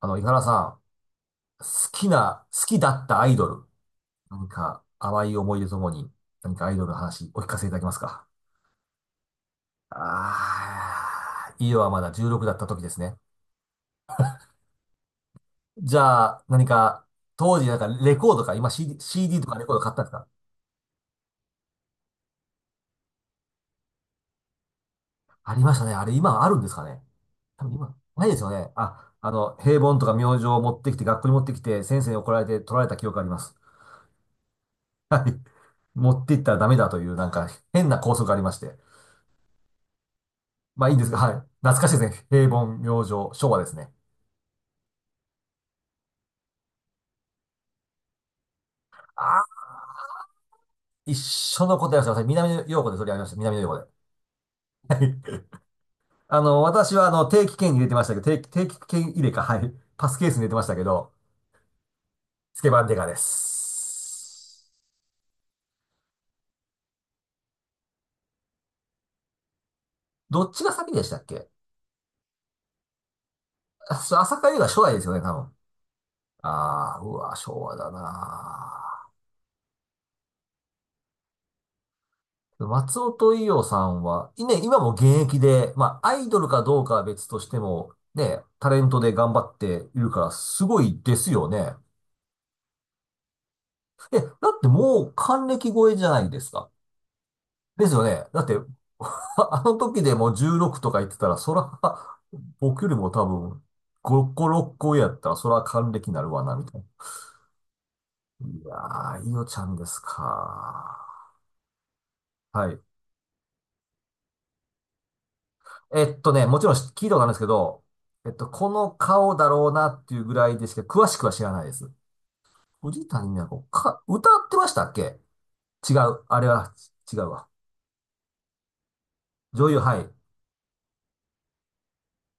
井原さん、好きだったアイドル、何か淡い思い出ともに、何かアイドルの話お聞かせいただけますか？ああー、イオはまだ16だった時ですね。じゃあ、何か、当時なんかレコードか、今 CD とかレコード買ったんですか？ありましたね。あれ今あるんですかね？多分今、ないですよね。平凡とか明星を持ってきて、学校に持ってきて、先生に怒られて取られた記憶があります。はい。持っていったらダメだという、なんか変な校則がありまして。まあいいんですが、はい。懐かしいですね。平凡、明星、昭和ですね。ああ、一緒のことやらせてください。南野陽子で取り上げました。南野陽子で。はい。私は定期券に入れてましたけど、定期券入れか、はい。パスケースに入れてましたけど、スケバンデカです。どっちが先でしたっけ？あそう浅香初代ですよね、多分。ああ、うわ、昭和だなあ。松尾と伊代さんは、今も現役で、まあ、アイドルかどうかは別としても、ね、タレントで頑張っているから、すごいですよね。え、だってもう還暦超えじゃないですか。ですよね。だって、あの時でもじゅう16とか言ってたら、そら、僕よりも多分、5個、6個上やったら、そら還暦になるわな、みたいな。いやー、伊代ちゃんですか。はい。もちろん聞いたことあるんですけど、この顔だろうなっていうぐらいでしか詳しくは知らないです。藤谷美奈子、か、歌ってましたっけ？違う。あれは、違うわ。女優、はい。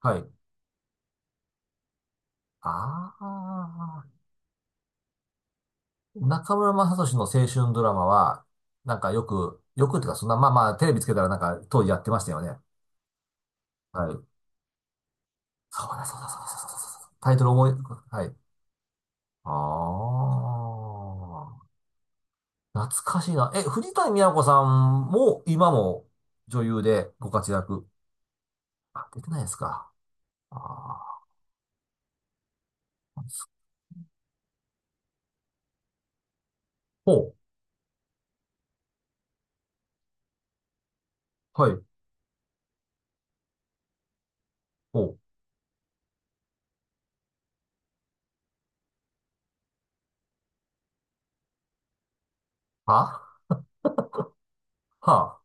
はい。ああ、中村雅俊の青春ドラマは、なんかよく、よくっていうか、そんな、まあまあ、テレビつけたらなんか当時やってましたよね。はい。そうだ、そうだ、そうだ、そうだ、そうだ。タイトル思い、はい。ああ。懐かしいな。え、藤谷美和子さんも、今も女優でご活躍。あ、出てないですか。あーほう。はい。ほう。あはあ。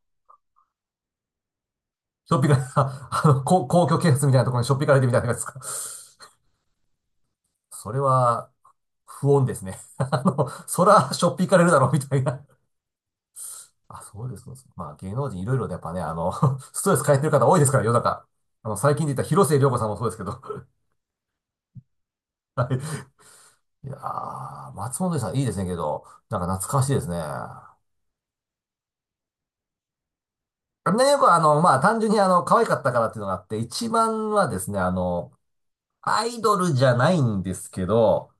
しょっぴかれた、公共警察みたいなところにしょっぴかれてみたいなやつか。それは、不穏ですね。そら、しょっぴかれるだろう、みたいな。あ、そうです、そうです。まあ、芸能人いろいろでやっぱね、ストレス抱えてる方多いですから、世の中。最近で言った広末涼子さんもそうですけど。はい。いやー、松本伊代さんいいですねけど、なんか懐かしいですね。ね、よくまあ、単純に可愛かったからっていうのがあって、一番はですね、アイドルじゃないんですけど、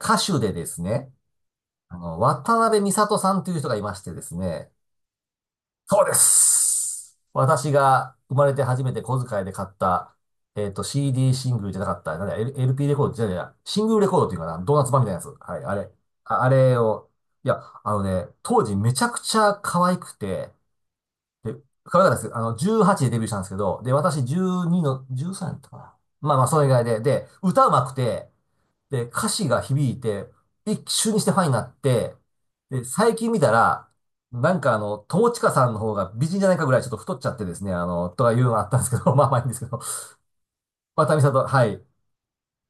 歌手でですね、渡辺美里さんという人がいましてですね、そうです。私が生まれて初めて小遣いで買った、CD シングルじゃなかった、なんだ、LP レコードじゃないや、シングルレコードっていうかな、ドーナツ版みたいなやつ。はい、あれ。あ、あれを、いや、あのね、当時めちゃくちゃ可愛くて、で、可愛かったです。18でデビューしたんですけど、で、私12の、13やったかな。まあまあ、それ以外で、歌うまくて、で、歌詞が響いて、一瞬にしてファンになって、で、最近見たら、なんか友近さんの方が美人じゃないかぐらいちょっと太っちゃってですね、とかいうのがあったんですけど、まあまあいいんですけど、渡美里、はい。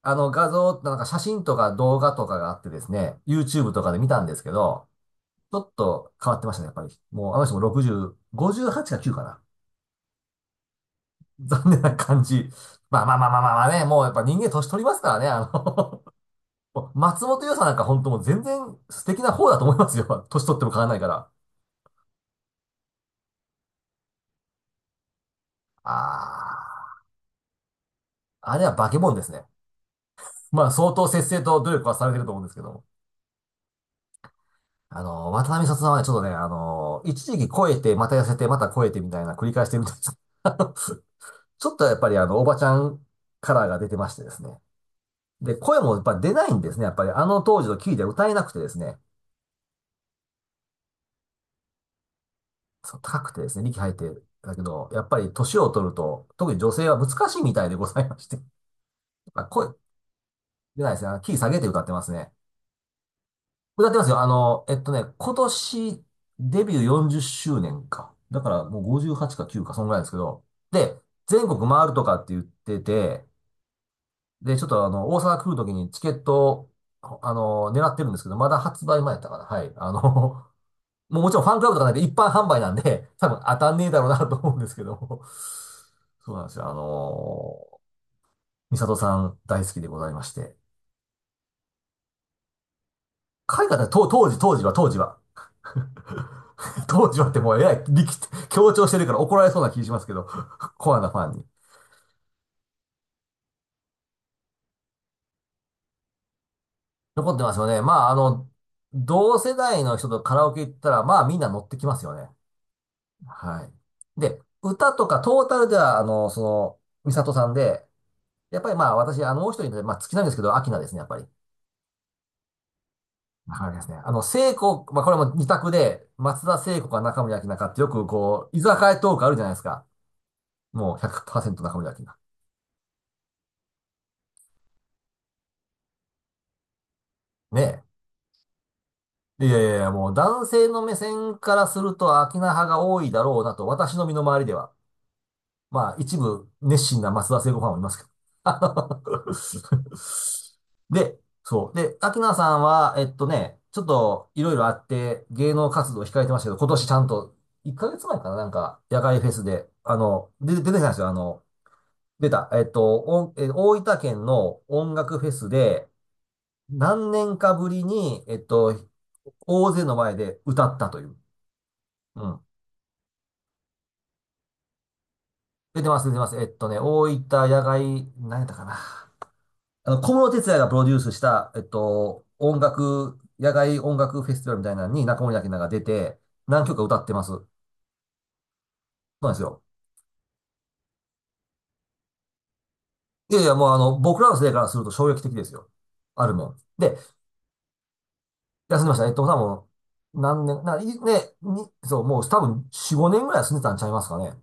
画像、なんか写真とか動画とかがあってですね、YouTube とかで見たんですけど、ちょっと変わってましたね、やっぱり。もう、あの人も60、58か9かな。残念な感じ。まあまあまあまあまあまあね、もうやっぱ人間年取りますからね、もう松本伊代さんなんか本当もう全然素敵な方だと思いますよ。年取っても変わらないから。ああ、あれは化け物ですね。まあ相当節制と努力はされてると思うんですけども。渡辺里さんはね、ちょっとね、一時期超えて、また痩せて、また超えてみたいな繰り返してるみたいです。ちょっとやっぱりおばちゃんカラーが出てましてですね。で、声もやっぱり出ないんですね。やっぱりあの当時のキーで歌えなくてですね。そう、高くてですね、力入ってだけど、やっぱり年を取ると、特に女性は難しいみたいでございまして。まあ、声、出ないですね。あのキー下げて歌ってますね。歌ってますよ。今年デビュー40周年か。だからもう58か9か、そんぐらいですけど。で、全国回るとかって言ってて、で、ちょっと大阪来るときにチケットを、狙ってるんですけど、まだ発売前やったかな。はい。もうもちろんファンクラブとかないで一般販売なんで、多分当たんねえだろうなと思うんですけども。そうなんですよ。美里さん大好きでございまして。海外で、と当時、当時は、当時は。当時はってもうえらい力強調してるから怒られそうな気しますけど、コアなファンに。残ってますよね。まあ、同世代の人とカラオケ行ったら、まあみんな乗ってきますよね。はい。で、歌とかトータルでは、ミサトさんで、やっぱりまあ私、もう一人で、まあ好きなんですけど、アキナですね、やっぱり。はいですね。聖子、まあこれも二択で、松田聖子か中森明菜かってよくこう、居酒屋トークあるじゃないですか。もう100%中森明菜。ねえ。いやいやいや、もう男性の目線からするとアキナ派が多いだろうなと、私の身の回りでは。まあ、一部熱心な松田聖子ファンもいますけど。あで、そう。で、アキナさんは、ちょっといろいろあって芸能活動を控えてましたけど、今年ちゃんと1ヶ月前かな、なんか、野外フェスで、で、出てきたんですよ。出た。おんえ大分県の音楽フェスで、何年かぶりに、大勢の前で歌ったという。うん。出てます、出てます。大分野外、何やったかな。小室哲哉がプロデュースした、野外音楽フェスティバルみたいなのに中森明菜が出て、何曲か歌ってます。そうなんですよ。いやいや、もう僕らの世代からすると衝撃的ですよ。あるもん。で、休んでました。多分、何年、な、いね、に、そう、もう多分4、5年ぐらい住んでたんちゃいますかね。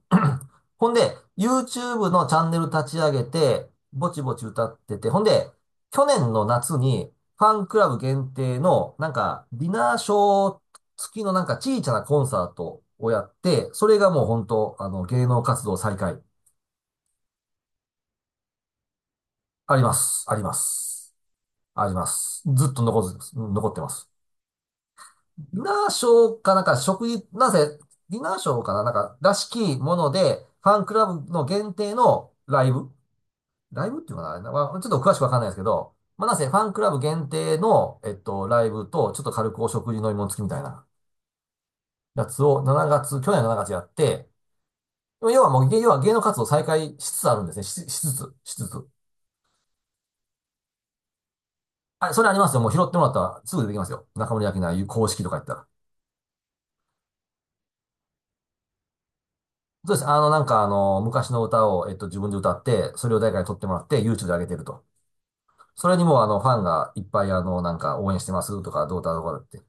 ほんで、YouTube のチャンネル立ち上げて、ぼちぼち歌ってて、ほんで、去年の夏に、ファンクラブ限定の、ディナーショー付きのなんか小さなコンサートをやって、それがもう本当、芸能活動再開。あります。あります。あります。ずっと残ず、残ってます。ディナーショーかなんか、食事、なぜ、ディナーショーかななんか、らしきもので、ファンクラブの限定のライブっていうのかな、まあちょっと詳しくわかんないですけど、まあ、なんせファンクラブ限定の、ライブと、ちょっと軽くお食事飲み物付きみたいなやつを7月、去年の7月やって、要はもう、要は芸能活動再開しつつあるんですね。しつつ。あ、それありますよ。もう拾ってもらったらすぐ出てきますよ。中森明菜公式とか言ったら。そうです。昔の歌を、自分で歌って、それを誰かに撮ってもらって、YouTube で上げてると。それにもうあの、ファンがいっぱいあの、なんか応援してますとか、どうだとかって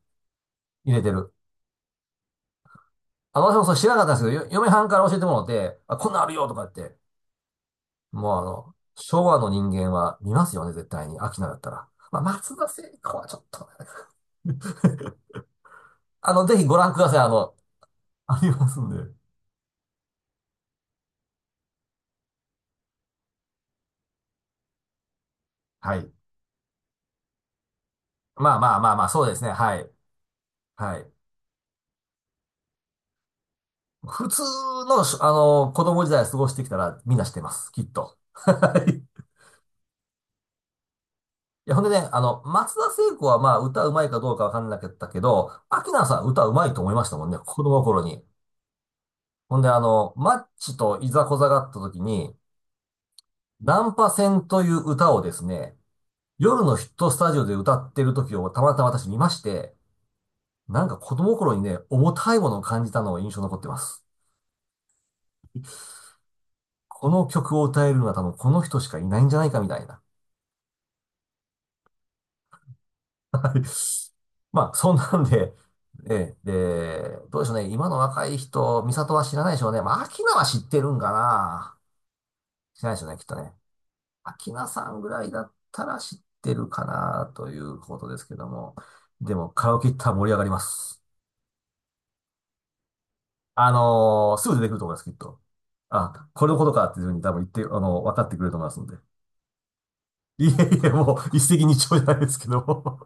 入れてる。あ、私もそれ知らなかったんですけど、よ嫁はんから教えてもらって、あ、こんなんあるよとか言って、もうあの、昭和の人間は見ますよね、絶対に。秋菜だったら。まあ、松田聖子はちょっとね、ぜひご覧ください。あの、ありますんで。はい。まあまあまあまあ、そうですね。はい。はい。普通のし、あの、子供時代過ごしてきたらみんな知ってます。きっと。はい。いや、ほんでね、松田聖子はまあ、歌うまいかどうかわかんなかったけど、秋菜さんは歌うまいと思いましたもんね、子供の頃に。ほんで、マッチといざこざがあった時に、ナンパ船という歌をですね、夜のヒットスタジオで歌ってる時をたまたま私見まして、なんか子供心にね、重たいものを感じたのが印象に残ってます。この曲を歌えるのは多分この人しかいないんじゃないかみたいな。はい。まあ、そんなんで、ええ、で、どうでしょうね。今の若い人、美里は知らないでしょうね。まあ、アキナは知ってるんかな。知らないでしょうね、きっとね。アキナさんぐらいだったら知ってるかなということですけども。でも、カラオケ行ったら盛り上がります。あのーすぐ出てくると思います、きっと。あ、これのことかっていうふうに多分言って、分かってくれると思いますんで。いえいえ、もう一石二鳥じゃないですけども